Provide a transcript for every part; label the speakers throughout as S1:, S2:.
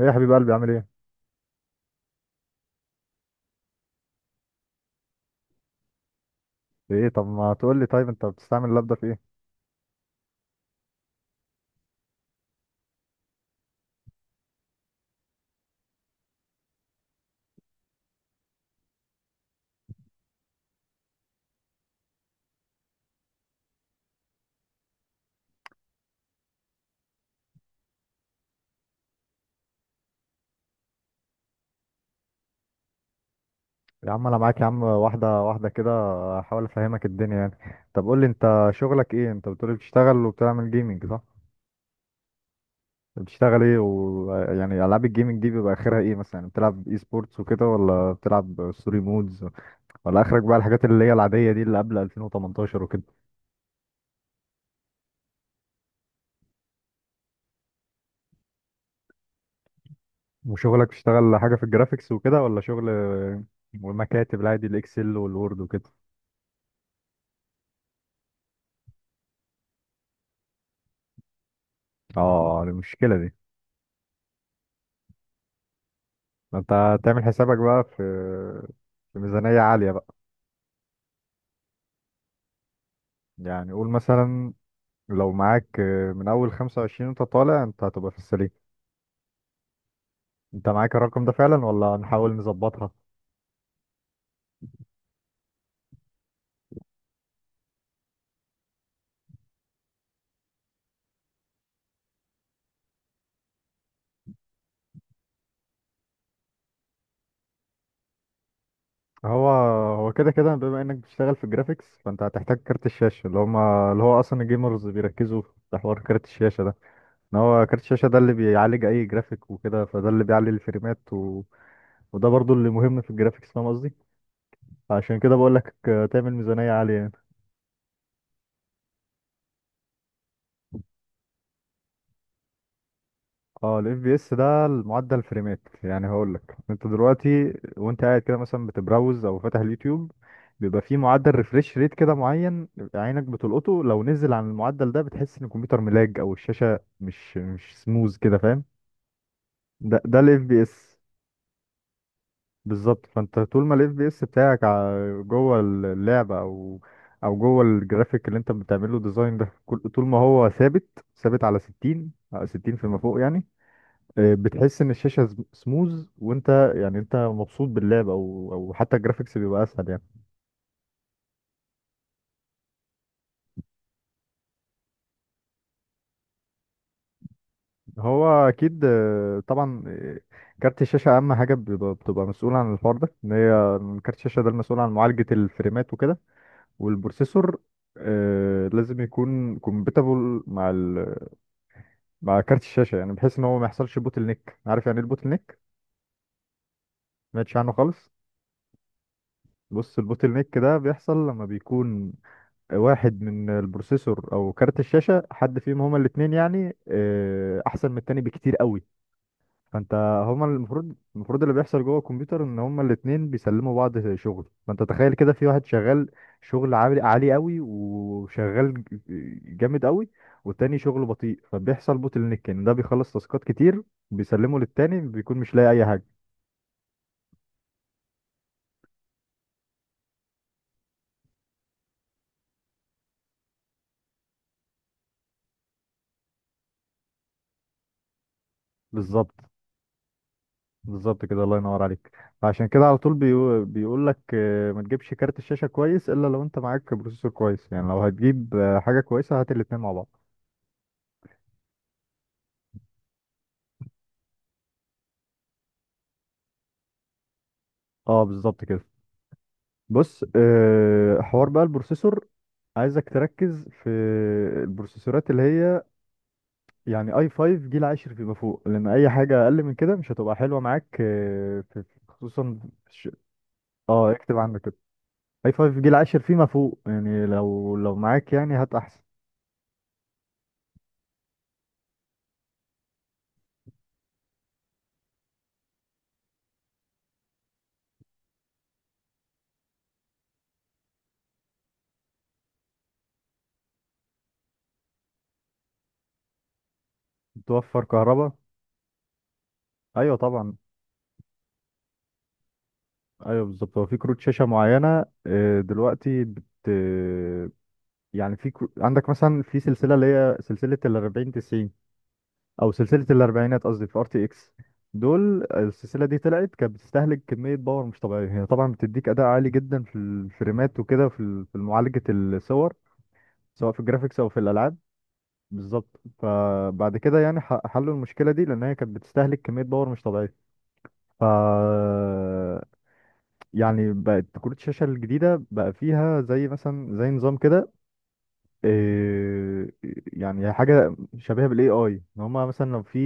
S1: ايه يا حبيب قلبي عامل ايه؟ في ايه؟ طب ما تقول لي، طيب انت بتستعمل اللاب ده في ايه؟ يا عم انا معاك، يا عم واحدة واحدة كده احاول افهمك الدنيا يعني. طب قول لي انت شغلك ايه؟ انت بتقول لي بتشتغل وبتعمل جيمنج صح؟ بتشتغل ايه؟ ويعني العاب الجيمنج دي بيبقى اخرها ايه مثلا؟ يعني بتلعب اي سبورتس وكده، ولا بتلعب ستوري مودز، ولا اخرك بقى الحاجات اللي هي العادية دي اللي قبل 2018 وكده؟ وشغلك بتشتغل حاجة في الجرافيكس وكده، ولا شغل ومكاتب العادي، الاكسل والوورد وكده؟ اه المشكلة دي. ما انت تعمل حسابك بقى في ميزانية عالية بقى. يعني قول مثلا، لو معاك من أول خمسة وعشرين، أنت طالع، أنت هتبقى في السليم. أنت معاك الرقم ده فعلا ولا نحاول نظبطها؟ هو هو كده كده بما إنك بتشتغل في الجرافيكس، فأنت هتحتاج كارت الشاشة، اللي هما اللي هو أصلا الجيمرز بيركزوا في حوار كارت الشاشة ده، إن هو كارت الشاشة ده اللي بيعالج أي جرافيك وكده، فده اللي بيعلي الفريمات وده برضو اللي مهم في الجرافيكس، فاهم قصدي؟ عشان كده بقول لك تعمل ميزانية عالية. اه الاف بي اس ده المعدل فريمات. يعني هقول لك، انت دلوقتي وانت قاعد كده مثلا بتبراوز او فاتح اليوتيوب، بيبقى فيه معدل ريفريش ريت كده معين، عينك بتلقطه. لو نزل عن المعدل ده بتحس ان الكمبيوتر ملاج، او الشاشه مش سموز كده، فاهم؟ ده الاف بي اس. بالظبط، فانت طول ما الاف بي اس بتاعك جوه اللعبه او جوه الجرافيك اللي انت بتعمله ديزاين ده، طول ما هو ثابت ثابت على 60 على 60 فيما فوق يعني، بتحس ان الشاشه سموز، وانت يعني انت مبسوط باللعب، او حتى الجرافيكس بيبقى اسهل يعني. هو اكيد، طبعا، كارت الشاشه اهم حاجه بتبقى مسؤول عن الحوار ده، ان هي كارت الشاشه ده المسؤول عن معالجه الفريمات وكده. والبروسيسور لازم يكون كومباتبل مع كارت الشاشه، يعني بحيث ان هو ما يحصلش بوتل نيك. عارف يعني ايه البوتل نيك؟ ما سمعتش عنه خالص؟ بص، البوتل نيك ده بيحصل لما بيكون واحد من البروسيسور او كارت الشاشه، حد فيهم هما الاثنين يعني احسن من التاني بكتير قوي. فانت، هما المفروض اللي بيحصل جوه الكمبيوتر ان هما الاثنين بيسلموا بعض شغل. فانت تخيل كده، في واحد شغال شغل عالي عالي قوي، وشغال جامد قوي، والتاني شغله بطيء، فبيحصل بوتل نيك، ان ده بيخلص تاسكات كتير، بيسلمه للتاني بيكون مش لاقي اي حاجه. بالظبط، بالظبط كده، الله ينور عليك. فعشان كده على طول بيقول لك ما تجيبش كارت الشاشة كويس الا لو انت معاك بروسيسور كويس. يعني لو هتجيب حاجة كويسة، هات الاتنين مع بعض. اه بالظبط كده. بص، حوار بقى البروسيسور، عايزك تركز في البروسيسورات اللي هي يعني اي 5 جيل عاشر فيما فوق، لان اي حاجة اقل من كده مش هتبقى حلوة معاك خصوصا اه اكتب عندك كده اي 5 جيل عاشر فيما فوق. يعني لو معاك يعني هات احسن. توفر كهرباء؟ ايوه طبعا. ايوه بالظبط، هو في كروت شاشه معينه دلوقتي يعني عندك مثلا في سلسله، اللي هي سلسله ال 40 90، او سلسله الاربعينات قصدي، في ار تي اكس. دول السلسله دي طلعت كانت بتستهلك كميه باور مش طبيعيه. هي طبعا بتديك اداء عالي جدا في الفريمات وكده، في ال- في معالجه الصور، سواء في الجرافيكس او في الالعاب. بالظبط. فبعد كده يعني حلوا المشكله دي، لان هي كانت بتستهلك كميه باور مش طبيعيه. ف يعني بقت كروت الشاشة الجديدة بقى فيها زي مثلا زي نظام كده، إيه، يعني حاجة شبيهة بالاي اي، ان هما مثلا لو في،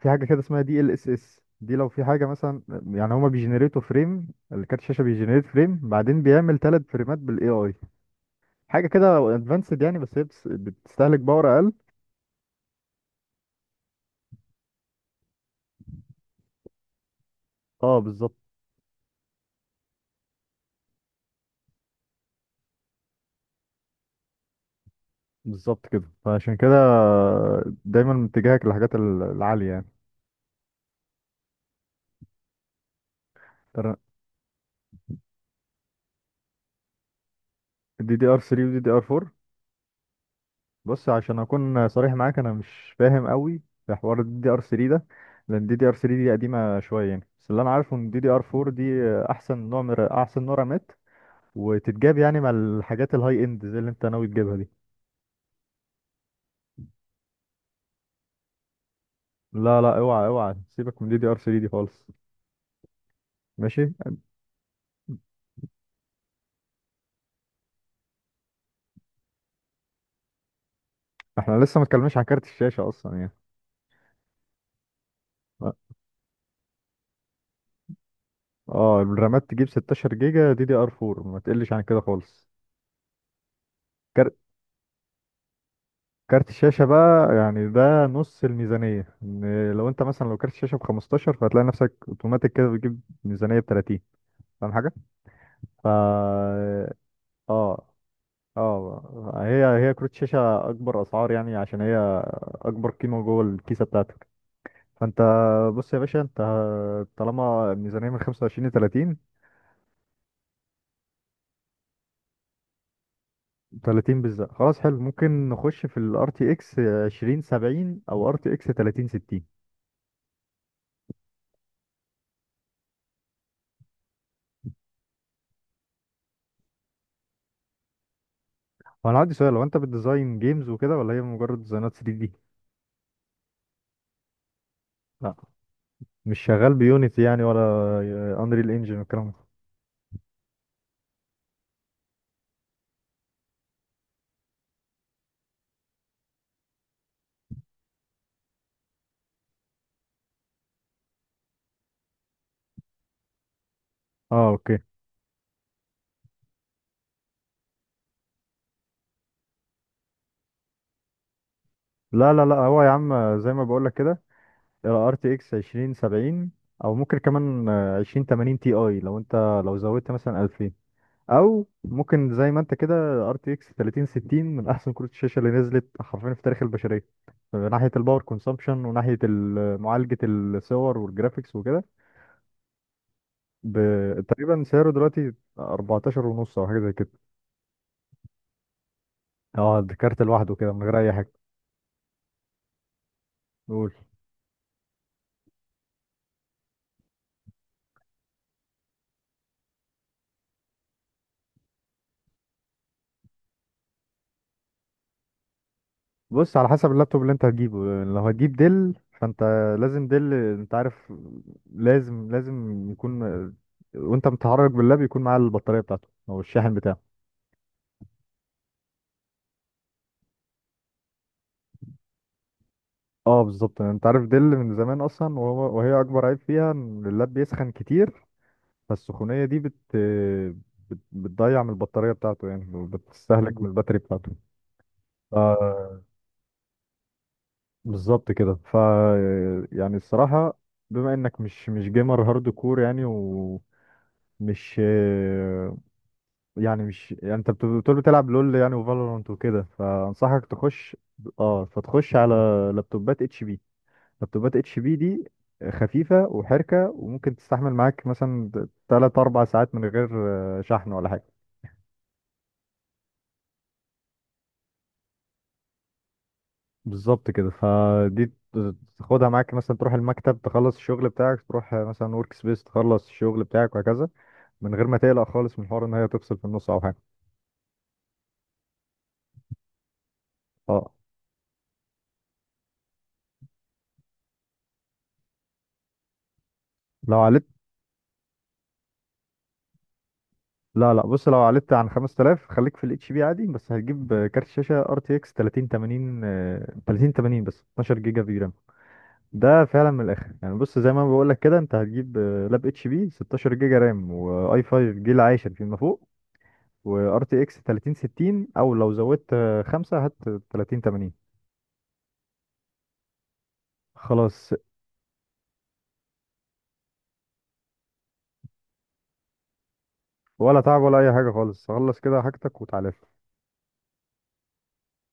S1: في حاجة كده اسمها دي ال اس اس دي، لو في حاجة مثلا يعني هما بيجنريتوا فريم، الكارت الشاشة بيجنريت فريم بعدين بيعمل ثلاث فريمات بالاي اي. حاجة كده ادفانسد يعني، بس هي بتستهلك باور اقل. اه بالظبط. بالظبط كده، فعشان كده دايما اتجاهك للحاجات العالية يعني. دي دي ار 3 ودي دي ار 4؟ بص عشان اكون صريح معاك انا مش فاهم قوي في حوار الدي دي ار 3 ده، لان الدي دي ار 3 دي قديمه شويه يعني. بس اللي انا عارفه ان الدي دي ار 4 دي احسن نوع، من احسن نوع رامات، وتتجاب يعني مع الحاجات الهاي اند زي اللي انت ناوي تجيبها دي. لا لا اوعى اوعى سيبك من الدي دي ار 3 دي خالص. ماشي. احنا لسه ما اتكلمناش عن كارت الشاشه اصلا يعني. اه، الرامات تجيب 16 جيجا دي دي ار 4، ما تقلش عن كده خالص. كارت الشاشة بقى يعني ده نص الميزانية. إن لو انت مثلا، لو كارت الشاشة ب 15، فهتلاقي نفسك اوتوماتيك كده بتجيب ميزانية ب 30، فاهم حاجة؟ ف اه اه، هي كروت شاشة أكبر أسعار، يعني عشان هي أكبر قيمة جوه الكيسة بتاعتك. فأنت، بص يا باشا، أنت طالما الميزانية من 25 ل 30، 30 بالظبط، خلاص حلو، ممكن نخش في ال RTX 2070 أو RTX 3060. هو انا عندي سؤال، هو انت بتديزاين جيمز وكده ولا هي مجرد ديزاينات 3 دي؟ لا مش شغال بيونيتي يعني، ولا انريل انجن والكلام ده؟ اه اوكي. لا لا لا، هو يا عم زي ما بقول لك كده، ار تي اكس 2070، او ممكن كمان 2080 تي اي لو انت، لو زودت مثلا 2000، او ممكن زي ما انت كده ار تي اكس 3060، من احسن كروت الشاشه اللي نزلت حرفيا في تاريخ البشريه، من ناحيه الباور كونسامبشن، وناحيه ال- معالجه الصور والجرافيكس وكده. ب... تقريبا سعره دلوقتي 14 ونص او حاجه زي كده. اه، ده كارت لوحده كده من غير اي حاجه. قول. بص على حسب اللابتوب اللي انت هتجيبه. لو هتجيب ديل، فانت لازم، ديل انت عارف، لازم لازم يكون، وانت متحرك باللاب، يكون معاه البطاريه بتاعته او الشاحن بتاعه. اه بالظبط، يعني انت عارف ديل من زمان اصلا، وهي اكبر عيب فيها ان اللاب بيسخن كتير، فالسخونيه دي بتضيع من البطاريه بتاعته يعني، وبتستهلك من الباتري بتاعته. ف- بالظبط كده. يعني الصراحة، بما انك مش جيمر هارد كور يعني، ومش يعني، مش يعني انت بتقول بتلعب لول يعني وفالورانت وكده، فانصحك تخش، اه فتخش على لابتوبات اتش بي لابتوبات اتش بي دي، خفيفة وحركة وممكن تستحمل معاك مثلا تلات أربع ساعات من غير شحن ولا حاجة. بالظبط كده. فدي تاخدها معاك مثلا، تروح المكتب تخلص الشغل بتاعك، تروح مثلا ورك سبيس تخلص الشغل بتاعك، وهكذا، من غير ما تقلق خالص من حوار ان هي تفصل في النص او حاجه. اه لو عليت، لا لا، بص لو عليت عن 5000، خليك في الاتش بي عادي، بس هتجيب كارت شاشه ار تي اكس 3080، 3080 بس 12 جيجا في رام. ده فعلا من الاخر يعني. بص زي ما بقول لك كده، انت هتجيب لاب اتش بي 16 جيجا رام، واي 5 جيل عاشر فيما فوق، وار تي اكس 3060، او لو زودت خمسة، هات 3080. خلاص. ولا تعب ولا اي حاجه خالص. خلص كده حاجتك وتعالى.